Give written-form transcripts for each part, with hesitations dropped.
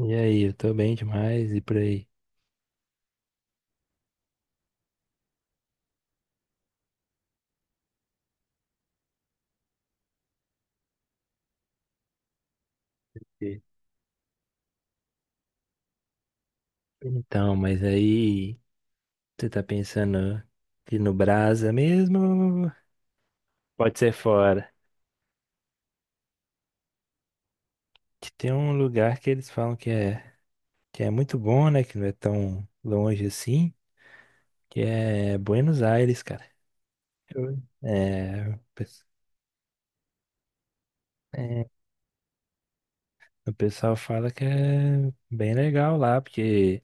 E aí, eu tô bem demais e por aí. E- Então, mas aí você tá pensando que no Brasa mesmo pode ser fora. Que tem um lugar que eles falam que é muito bom, né? Que não é tão longe assim, que é Buenos Aires, cara. Eu- É, o pes- é, o pessoal fala que é bem legal lá, porque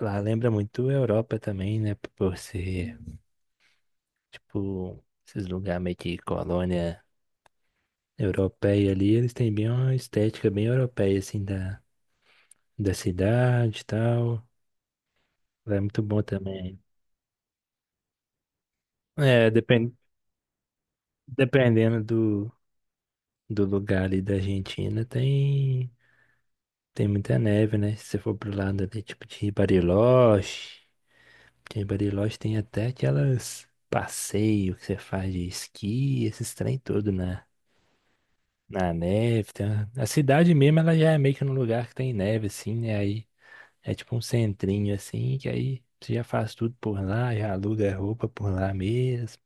lá lembra muito a Europa também, né? Por ser, tipo, esses lugares meio que colônia europeia ali. Eles têm bem uma estética bem europeia, assim, da cidade e tal. É muito bom também. É, depen- Dependendo do lugar ali da Argentina, tem muita neve, né? Se você for pro lado ali, tipo de Bariloche, em Bariloche tem até aquelas passeio que você faz de esqui, esses trem todo na, na neve. A cidade mesmo, ela já é meio que num lugar que tem neve, assim, né? Aí é tipo um centrinho assim, que aí você já faz tudo por lá, já aluga roupa por lá mesmo.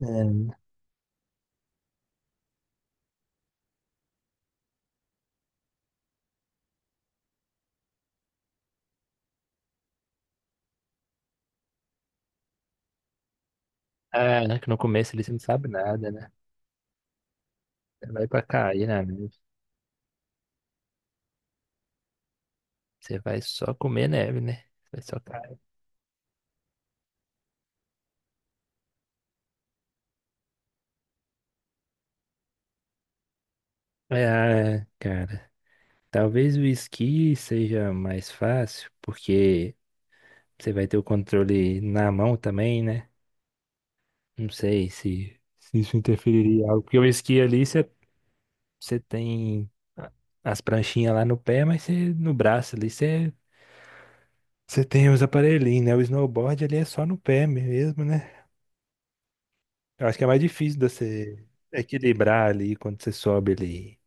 É. Ah, né? Que no começo ali você não sabe nada, né? Você vai pra cair na neve. Você vai só comer neve, né? Você vai só cair. É, cara. Talvez o esqui seja mais fácil, porque você vai ter o controle na mão também, né? Não sei se isso interferiria em algo. Porque o esqui ali você, você tem a- as pranchinhas lá no pé, mas você, no braço ali você. Você tem os aparelhinhos, né? O snowboard ali é só no pé mesmo, né? Eu acho que é mais difícil de você equilibrar ali quando você sobe ali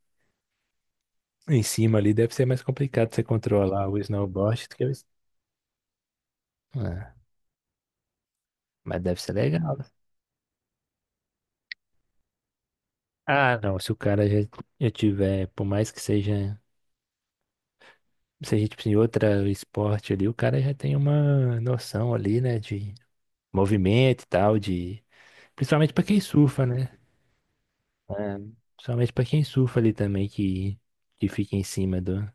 em cima ali. Deve ser mais complicado você controlar o snowboard do que o. Ah, mas deve ser legal, né? Ah, não. Se o cara já, já tiver, por mais que seja, tipo assim, outro esporte ali, o cara já tem uma noção ali, né? De movimento e tal, de... Principalmente pra quem surfa, né? É, principalmente pra quem surfa ali também, que fica em cima do.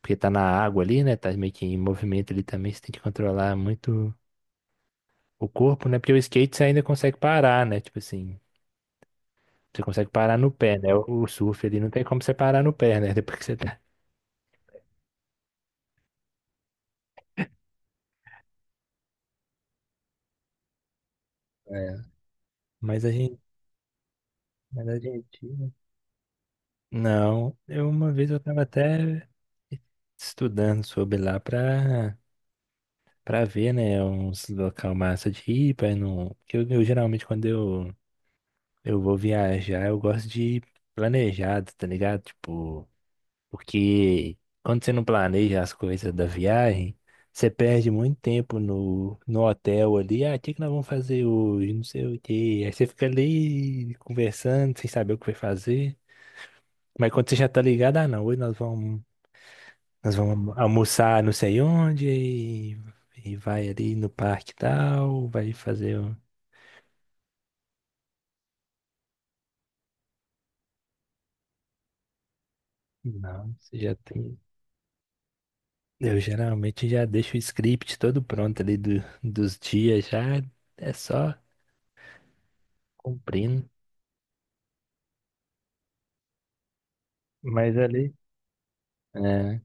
Porque tá na água ali, né? Tá meio que em movimento ali também. Você tem que controlar muito o corpo, né? Porque o skate você ainda consegue parar, né? Tipo assim, você consegue parar no pé, né? O surf ali não tem como você parar no pé, né? Depois que você tá. É. Mas a gente. Mas a gente. Não, eu uma vez eu tava até estudando sobre lá pra, pra ver, né? Uns local massa de ir, pra não. Porque eu geralmente quando eu vou viajar, eu gosto de planejar, tá ligado? Tipo. Porque quando você não planeja as coisas da viagem, você perde muito tempo no hotel ali. Ah, o que que nós vamos fazer hoje? Não sei o quê. Aí você fica ali conversando, sem saber o que vai fazer. Mas quando você já tá ligado, ah, não, hoje nós vamos almoçar não sei onde e vai ali no parque e tal, vai fazer. Não, você já tem. Eu geralmente já deixo o script todo pronto ali dos dias, já é só cumprindo. Mas ali, é,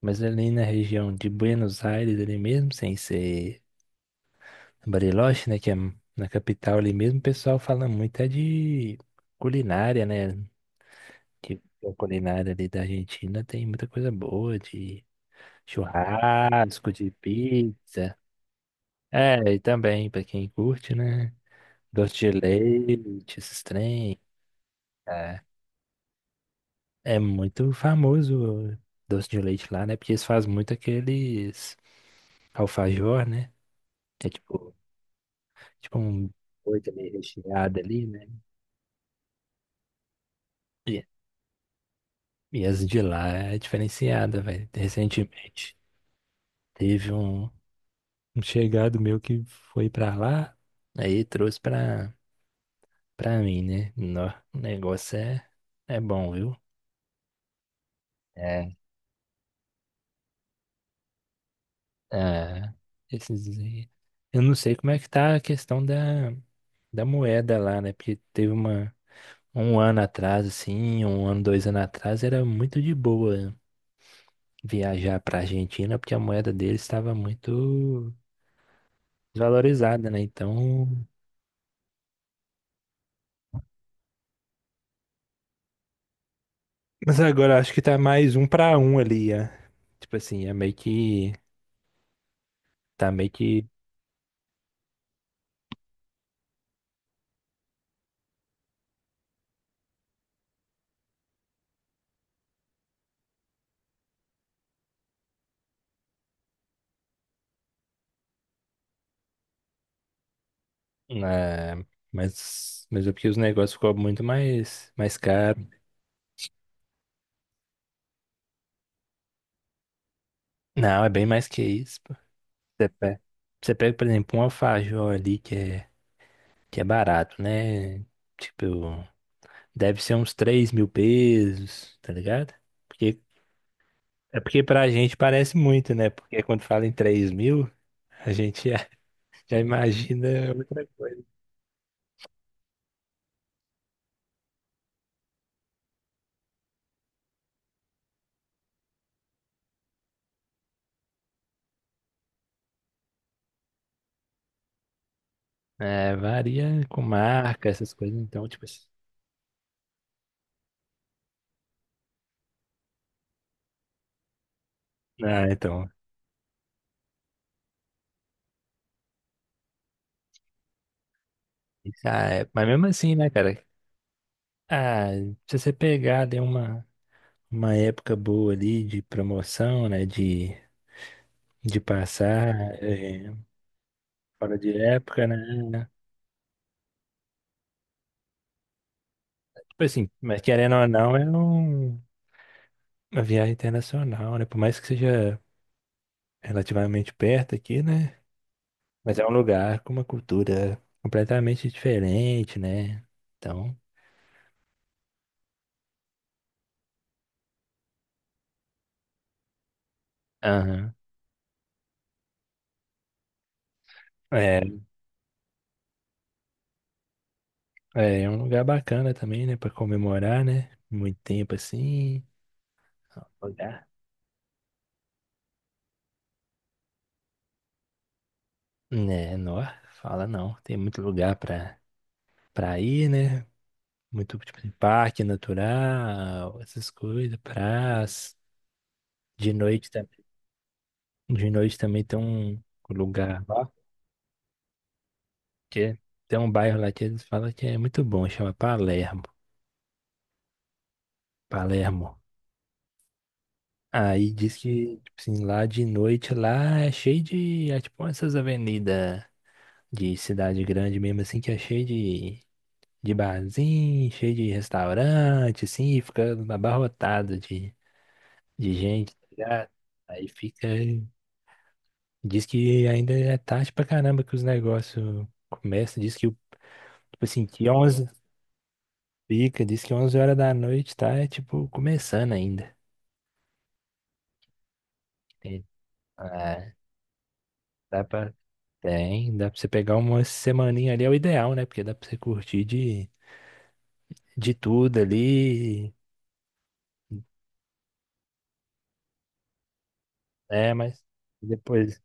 mas ali na região de Buenos Aires, ali mesmo, sem ser Bariloche, né, que é na capital ali mesmo, o pessoal fala muito é de culinária, né? Que a culinária ali da Argentina tem muita coisa boa, de churrasco, de pizza. É, e também, pra quem curte, né? Doce de leite, esses trem. É, é muito famoso o doce de leite lá, né? Porque eles fazem muito aqueles alfajor, né? É tipo, tipo um oito meio recheado ali, né? E, e as de lá é diferenciada, velho. Recentemente teve um, um chegado meu que foi pra lá, aí trouxe pra mim, né? Nó, o negócio é, é bom, viu? É. Ah, esses aí. Eu não sei como é que tá a questão da moeda lá, né? Porque teve uma. Um ano atrás, assim, um ano, 2 anos atrás, era muito de boa viajar para a Argentina porque a moeda deles estava muito desvalorizada, né? Então, mas agora acho que tá mais um para um ali, é. Tipo assim, é meio que tá meio que né, mas é porque os negócios ficou muito mais caro. Não, é bem mais que isso, pô. Você pega, você pega, por exemplo, um alfajor ali que é barato, né? Tipo, deve ser uns 3.000 pesos, tá ligado? Porque é porque pra gente parece muito, né? Porque quando fala em 3.000, a gente já, já imagina outra coisa. É, varia com marca, essas coisas. Então, tipo assim. Ah, então. Ah, é, mas mesmo assim, né, cara? Ah, se você pegar, deu uma época boa ali de promoção, né? De passar é, fora de época, né? Tipo assim, mas querendo ou não, é um, uma viagem internacional, né? Por mais que seja relativamente perto aqui, né? Mas é um lugar com uma cultura completamente diferente, né? Então, aham. É, é, é um lugar bacana também, né? Pra comemorar, né? Muito tempo assim. Lugar. Né, não, fala não. Tem muito lugar pra, pra ir, né? Muito tipo de parque natural, essas coisas, praça. De noite, tam- de noite também tem um lugar lá, que tem um bairro lá que eles falam que é muito bom, chama Palermo. Palermo. Aí diz que, tipo assim, lá de noite lá é cheio de, é tipo essas avenidas de cidade grande mesmo, assim, que é cheio de barzinho, cheio de restaurante, assim, e fica abarrotado de gente, tá ligado? Aí fica, diz que ainda é tarde pra caramba que os negócios começam, diz que, tipo assim, que 11 fica, diz que 11 horas da noite tá, é, tipo, começando ainda. É, ah, dá pra tem, dá pra você pegar uma semaninha ali, é o ideal, né? Porque dá pra você curtir de tudo ali, né? Mas depois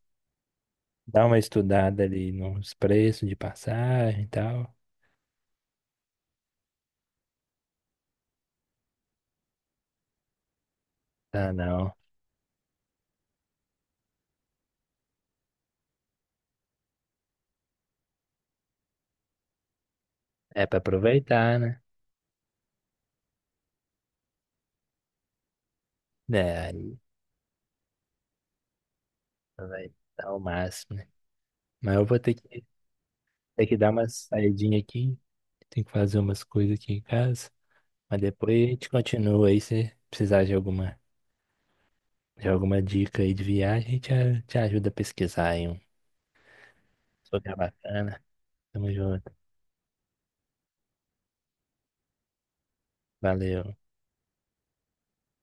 dá uma estudada ali nos preços de passagem e tal. Ah, não. É pra aproveitar, né? É, aí aproveitar ao máximo, né? Mas eu vou ter que dar uma saidinha aqui. Tem que fazer umas coisas aqui em casa. Mas depois a gente continua aí. Se precisar de alguma dica aí de viagem, a gente te ajuda a pesquisar aí um lugar bacana. Tamo junto. Valeu.